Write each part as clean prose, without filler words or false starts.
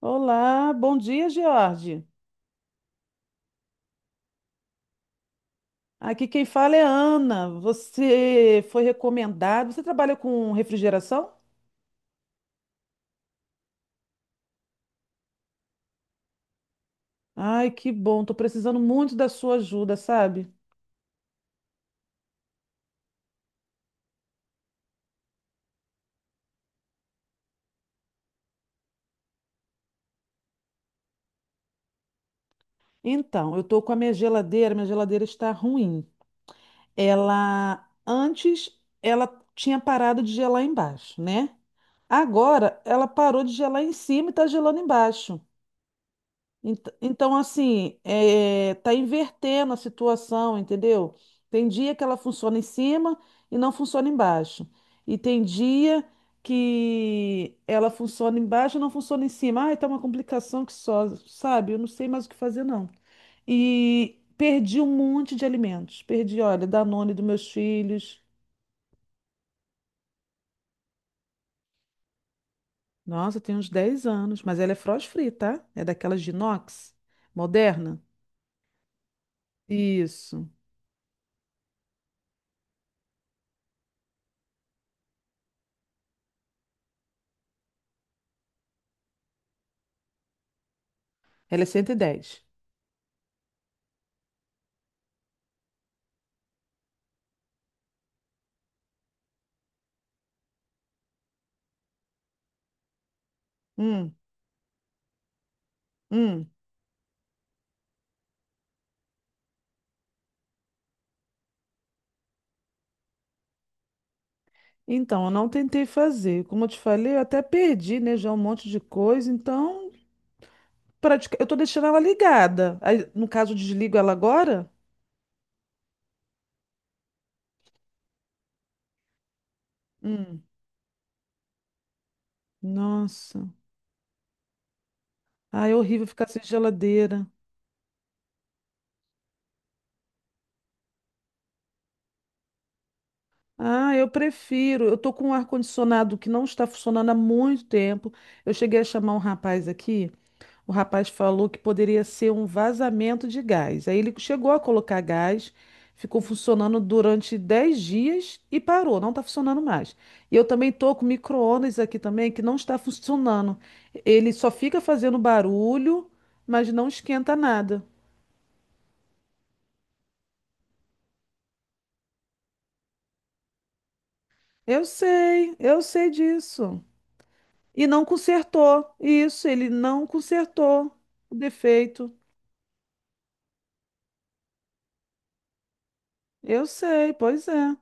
Olá, bom dia, George. Aqui quem fala é Ana. Você foi recomendado. Você trabalha com refrigeração? Ai, que bom. Tô precisando muito da sua ajuda, sabe? Então, eu tô com a minha geladeira. Minha geladeira está ruim. Ela antes ela tinha parado de gelar embaixo, né? Agora ela parou de gelar em cima e tá gelando embaixo. Então, assim, tá invertendo a situação, entendeu? Tem dia que ela funciona em cima e não funciona embaixo. E tem dia que ela funciona embaixo e não funciona em cima. Ai, tá uma complicação que só, sabe? Eu não sei mais o que fazer, não. E perdi um monte de alimentos. Perdi, olha, Danone dos meus filhos. Nossa, tem uns 10 anos, mas ela é frost free, tá? É daquelas de inox, moderna. Isso. Ela é 110. Hum. Hum, então, eu não tentei fazer. Como eu te falei, eu até perdi, né, já um monte de coisa. Então, eu tô deixando ela ligada. Aí, no caso, eu desligo ela agora? Hum, nossa. Ah, é horrível ficar sem geladeira. Ah, eu prefiro. Eu tô com um ar-condicionado que não está funcionando há muito tempo. Eu cheguei a chamar um rapaz aqui. O rapaz falou que poderia ser um vazamento de gás. Aí ele chegou a colocar gás, ficou funcionando durante 10 dias e parou, não está funcionando mais. E eu também tô com micro-ondas aqui também que não está funcionando. Ele só fica fazendo barulho, mas não esquenta nada. Eu sei disso. E não consertou. Isso, ele não consertou o defeito. Eu sei, pois é.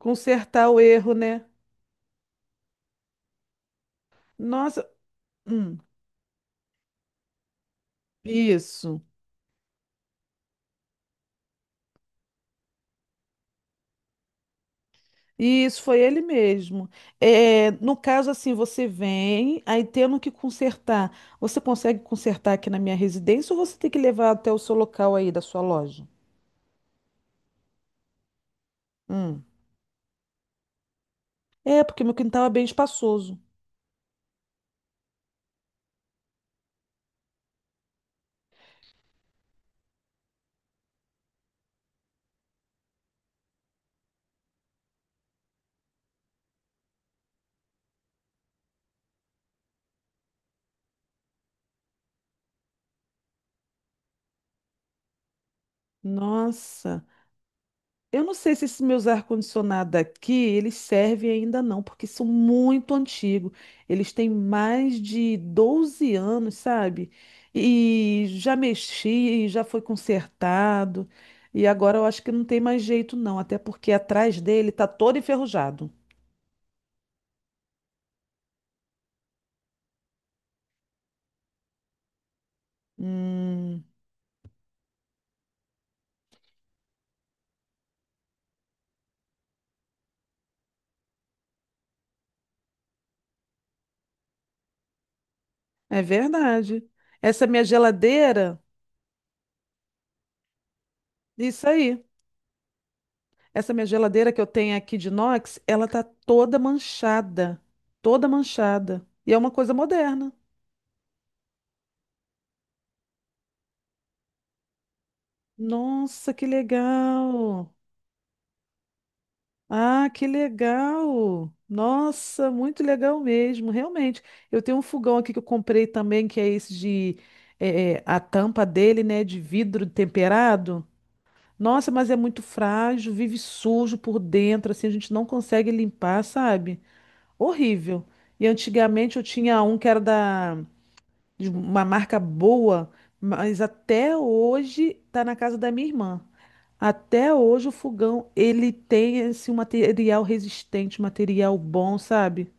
Consertar o erro, né? Nossa, hum, isso. Isso, foi ele mesmo. É, no caso, assim, você vem, aí tendo que consertar. Você consegue consertar aqui na minha residência ou você tem que levar até o seu local aí da sua loja? Hum. É, porque meu quintal é bem espaçoso. Nossa. Eu não sei se esses meus ar-condicionado aqui, eles servem ainda não, porque são muito antigos. Eles têm mais de 12 anos, sabe? E já mexi, já foi consertado. E agora eu acho que não tem mais jeito não, até porque atrás dele tá todo enferrujado. Hum, é verdade. Essa minha geladeira, isso aí. Essa minha geladeira que eu tenho aqui de inox, ela tá toda manchada, toda manchada. E é uma coisa moderna. Nossa, que legal! Ah, que legal! Nossa, muito legal mesmo, realmente. Eu tenho um fogão aqui que eu comprei também, que é esse de a tampa dele, né, de vidro temperado. Nossa, mas é muito frágil, vive sujo por dentro, assim a gente não consegue limpar, sabe? Horrível. E antigamente eu tinha um que era da de uma marca boa, mas até hoje tá na casa da minha irmã. Até hoje o fogão, ele tem esse material resistente, material bom, sabe?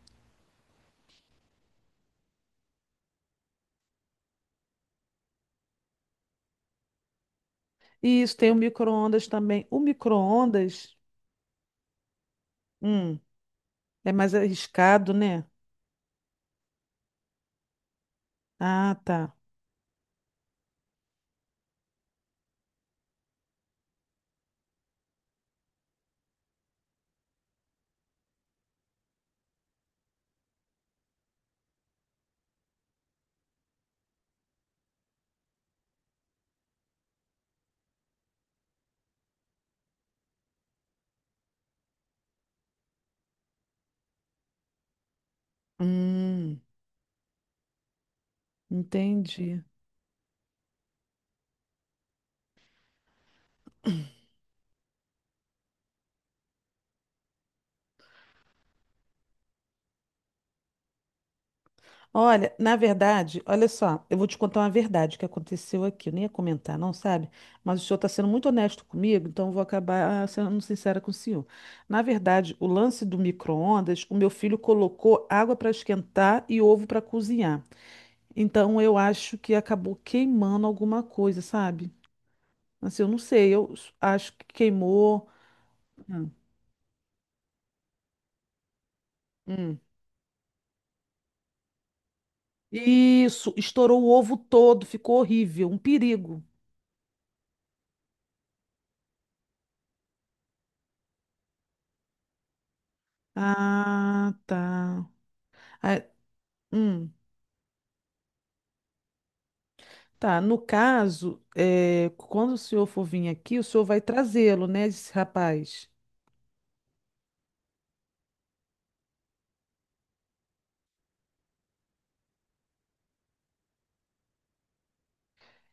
E isso tem o micro-ondas também. O micro-ondas, hum, é mais arriscado, né? Ah, tá. Hum, entendi. Olha, na verdade, olha só, eu vou te contar uma verdade que aconteceu aqui. Eu nem ia comentar, não, sabe? Mas o senhor está sendo muito honesto comigo, então eu vou acabar sendo sincera com o senhor. Na verdade, o lance do micro-ondas, o meu filho colocou água para esquentar e ovo para cozinhar. Então eu acho que acabou queimando alguma coisa, sabe? Assim, eu não sei, acho que queimou. Hum. Hum. Isso, estourou o ovo todo, ficou horrível, um perigo. Ah, tá. Hum, tá. No caso, é, quando o senhor for vir aqui, o senhor vai trazê-lo, né, esse rapaz?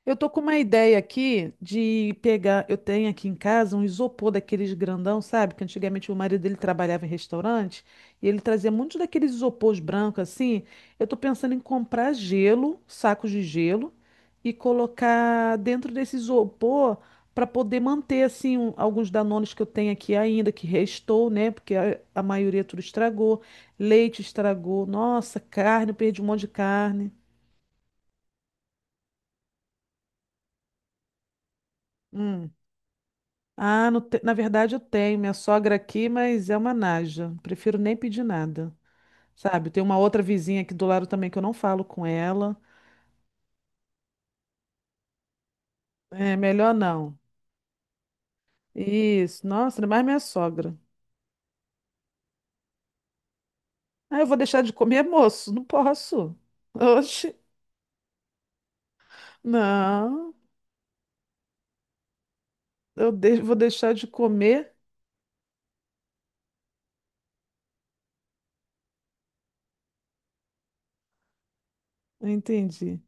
Eu tô com uma ideia aqui de pegar. Eu tenho aqui em casa um isopor daqueles grandão, sabe? Que antigamente o marido dele trabalhava em restaurante e ele trazia muitos daqueles isopores brancos assim. Eu tô pensando em comprar gelo, sacos de gelo, e colocar dentro desse isopor para poder manter assim alguns danones que eu tenho aqui ainda, que restou, né? Porque a maioria tudo estragou. Leite estragou. Nossa, carne, eu perdi um monte de carne. Hum. Ah, no te- na verdade eu tenho minha sogra aqui, mas é uma naja. Prefiro nem pedir nada, sabe? Tem uma outra vizinha aqui do lado também que eu não falo com ela. É melhor não. Isso, nossa, ainda mais minha sogra. Ah, eu vou deixar de comer, moço? Não posso. Oxe, não. Vou deixar de comer? Entendi.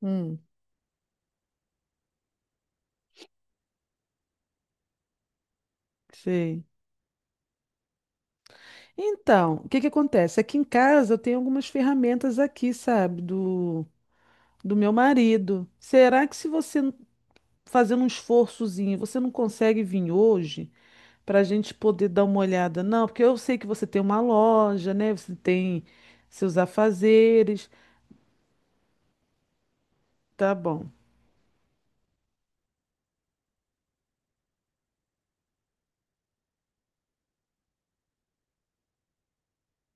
Hum, sei. Então, o que que acontece? Aqui em casa eu tenho algumas ferramentas aqui, sabe? Do meu marido. Será que se você fazendo um esforçozinho. Você não consegue vir hoje para a gente poder dar uma olhada? Não, porque eu sei que você tem uma loja, né? Você tem seus afazeres. Tá bom.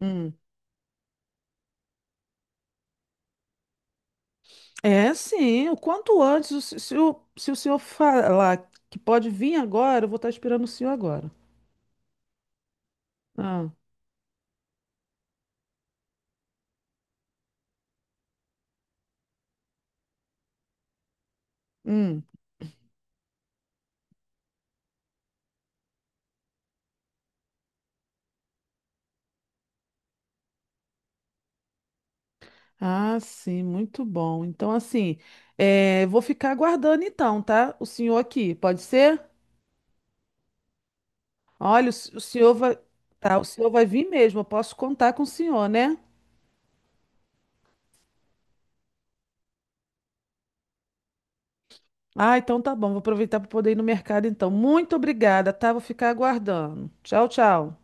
Hum. É, sim. O quanto antes, o se, se o, se o senhor falar que pode vir agora, eu vou estar esperando o senhor agora. Ah, hum. Ah, sim, muito bom. Então, assim, é, vou ficar aguardando então, tá? O senhor aqui, pode ser? Olha, o senhor vai, tá, o senhor vai vir mesmo, eu posso contar com o senhor, né? Ah, então tá bom, vou aproveitar para poder ir no mercado então. Muito obrigada, tá? Vou ficar aguardando. Tchau, tchau.